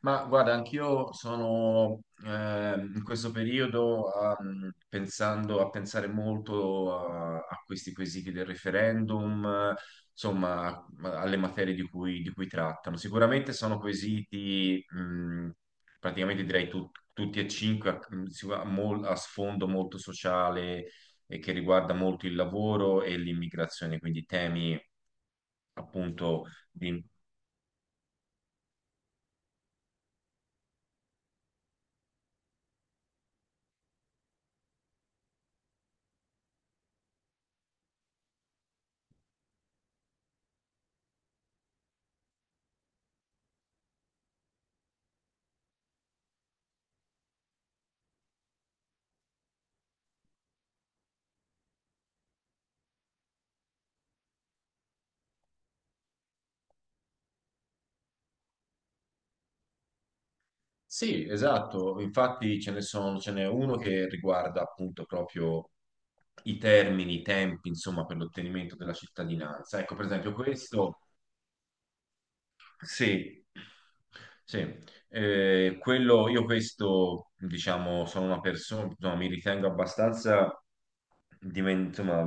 Ma guarda, anch'io sono in questo periodo pensando a pensare molto a questi quesiti del referendum, insomma, alle materie di cui, trattano. Sicuramente sono quesiti, praticamente direi tutti e cinque, a sfondo molto sociale e che riguarda molto il lavoro e l'immigrazione, quindi temi appunto di. Sì, esatto, infatti ce ne sono, ce n'è uno che riguarda appunto proprio i termini, i tempi, insomma, per l'ottenimento della cittadinanza. Ecco, per esempio, questo, sì, sì, quello, io questo, diciamo, sono una persona, mi ritengo abbastanza insomma,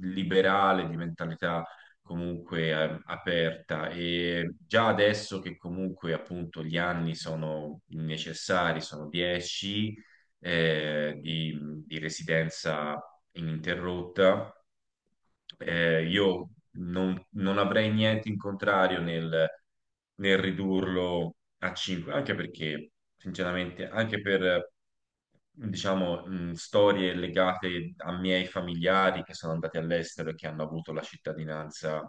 liberale, di mentalità comunque aperta. E già adesso che comunque appunto gli anni sono necessari, sono 10 eh, di, di residenza ininterrotta, io non avrei niente in contrario nel ridurlo a 5, anche perché, sinceramente, anche per, diciamo, storie legate a miei familiari che sono andati all'estero e che hanno avuto la cittadinanza.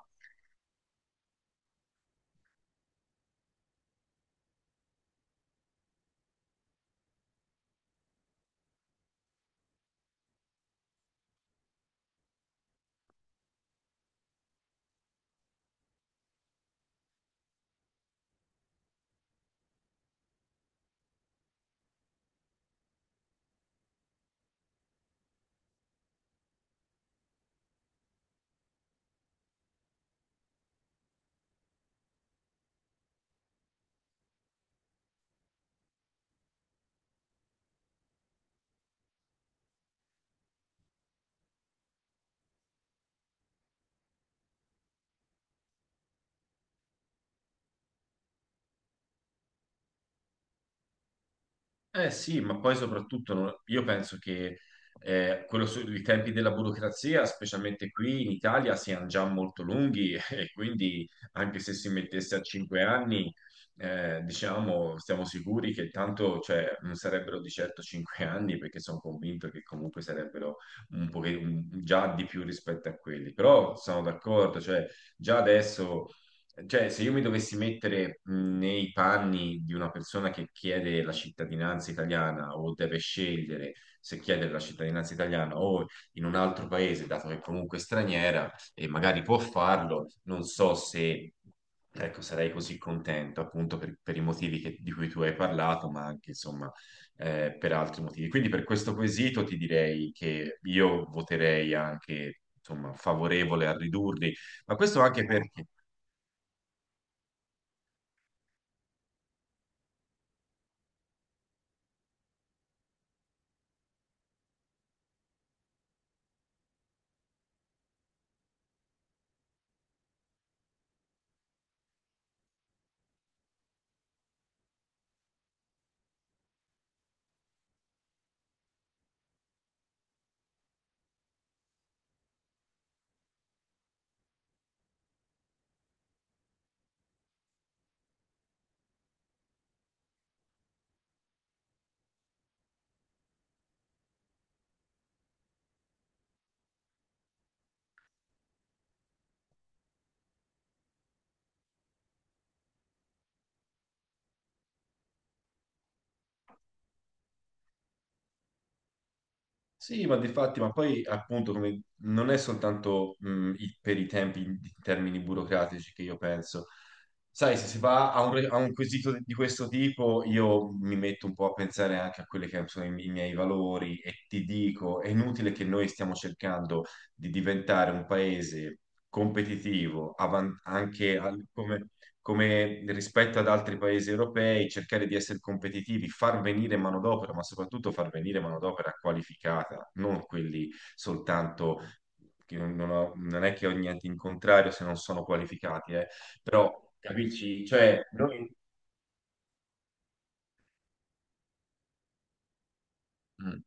Eh sì, ma poi soprattutto io penso che i tempi della burocrazia, specialmente qui in Italia, siano già molto lunghi e quindi anche se si mettesse a cinque anni, diciamo, stiamo sicuri che tanto, cioè, non sarebbero di certo cinque anni perché sono convinto che comunque sarebbero un po' già di più rispetto a quelli. Però sono d'accordo, cioè, già adesso, cioè, se io mi dovessi mettere nei panni di una persona che chiede la cittadinanza italiana o deve scegliere se chiedere la cittadinanza italiana o in un altro paese, dato che è comunque straniera e magari può farlo, non so se, ecco, sarei così contento appunto per i motivi di cui tu hai parlato, ma anche insomma per altri motivi. Quindi per questo quesito ti direi che io voterei anche, insomma, favorevole a ridurli. Ma questo anche perché? Sì, ma difatti, ma poi appunto non è soltanto per i tempi in termini burocratici che io penso. Sai, se si va a un quesito di questo tipo, io mi metto un po' a pensare anche a quelli che sono i miei valori e ti dico, è inutile che noi stiamo cercando di diventare un paese competitivo, avan- anche al- come come rispetto ad altri paesi europei, cercare di essere competitivi, far venire manodopera, ma soprattutto far venire manodopera qualificata, non quelli soltanto che non è che ho niente in contrario se non sono qualificati, però capisci, cioè noi. Mm.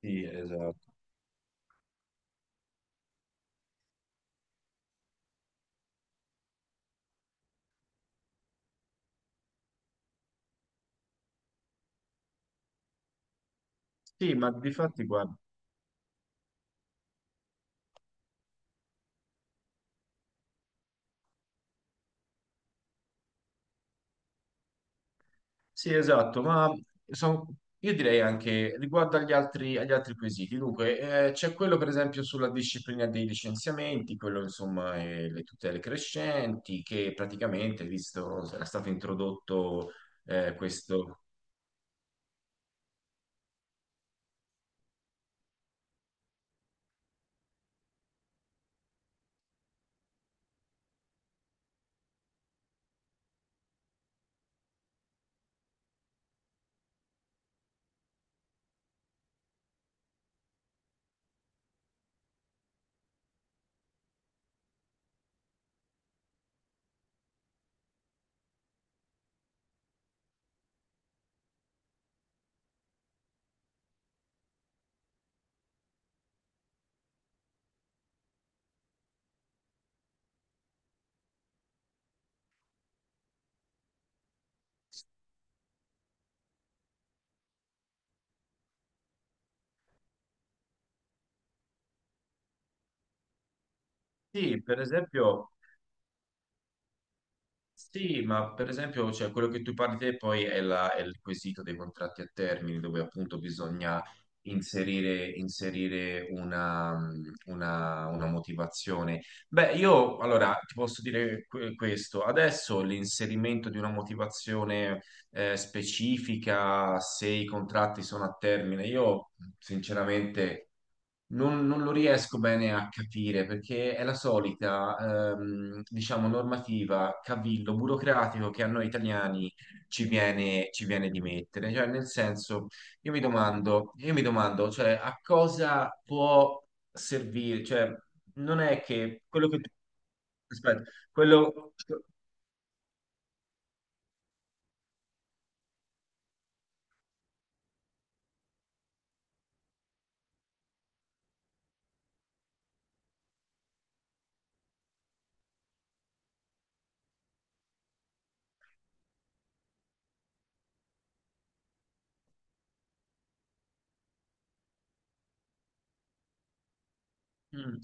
Sì, esatto. Sì, ma di fatti, guarda. Sì, esatto, ma son- io direi anche riguardo agli altri, quesiti. Dunque, c'è quello per esempio sulla disciplina dei licenziamenti, quello insomma le tutele crescenti, che praticamente, visto, era stato introdotto questo. Sì, per esempio. Sì, ma per esempio, cioè, quello che tu parli te poi è il quesito dei contratti a termine, dove appunto bisogna inserire, una, una motivazione. Beh, io allora ti posso dire questo. Adesso l'inserimento di una motivazione specifica, se i contratti sono a termine, io sinceramente. Non lo riesco bene a capire perché è la solita, diciamo, normativa, cavillo burocratico che a noi italiani ci viene, di mettere. Cioè, nel senso, io mi domando, cioè, a cosa può servire? Cioè, non è che quello che tu, aspetta, quello. Mm.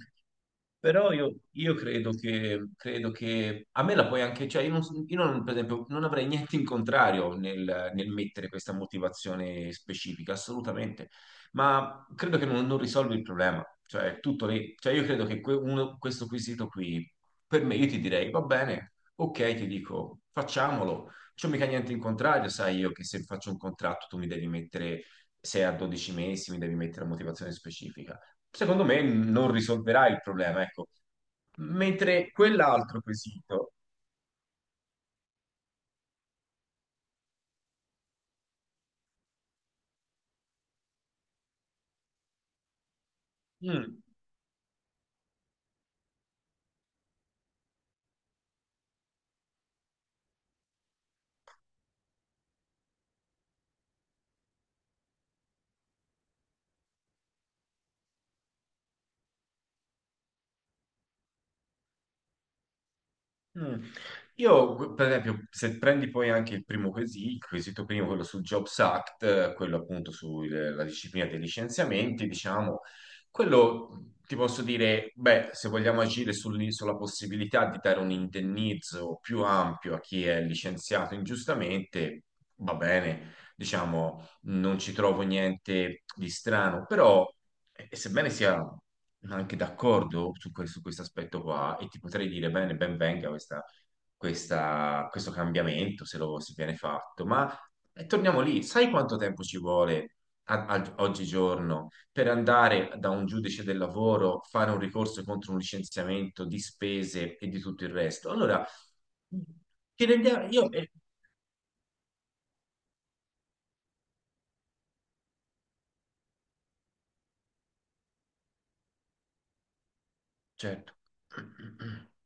Però io credo che, a me la puoi anche, cioè io non, per esempio non avrei niente in contrario nel mettere questa motivazione specifica, assolutamente, ma credo che non risolvi il problema, cioè è tutto lì, cioè io credo che questo quesito qui, per me io ti direi va bene, ok, ti dico facciamolo, c'ho mica niente in contrario, sai io che se faccio un contratto tu mi devi mettere 6 a 12 mesi, mi devi mettere la motivazione specifica secondo me non risolverà il problema, ecco. Mentre quell'altro quesito. Mm. Mm. Io, per esempio, se prendi poi anche il primo quesito, il quesito primo, quello sul Jobs Act, quello appunto sulla disciplina dei licenziamenti, diciamo, quello ti posso dire, beh, se vogliamo agire sulla possibilità di dare un indennizzo più ampio a chi è licenziato ingiustamente, va bene, diciamo, non ci trovo niente di strano, però. E sebbene sia anche d'accordo su questo aspetto qua, e ti potrei dire bene, ben venga questa, questo cambiamento se lo si viene fatto, ma torniamo lì, sai quanto tempo ci vuole oggigiorno per andare da un giudice del lavoro, fare un ricorso contro un licenziamento di spese e di tutto il resto? Allora, ci rendiamo, io, certo.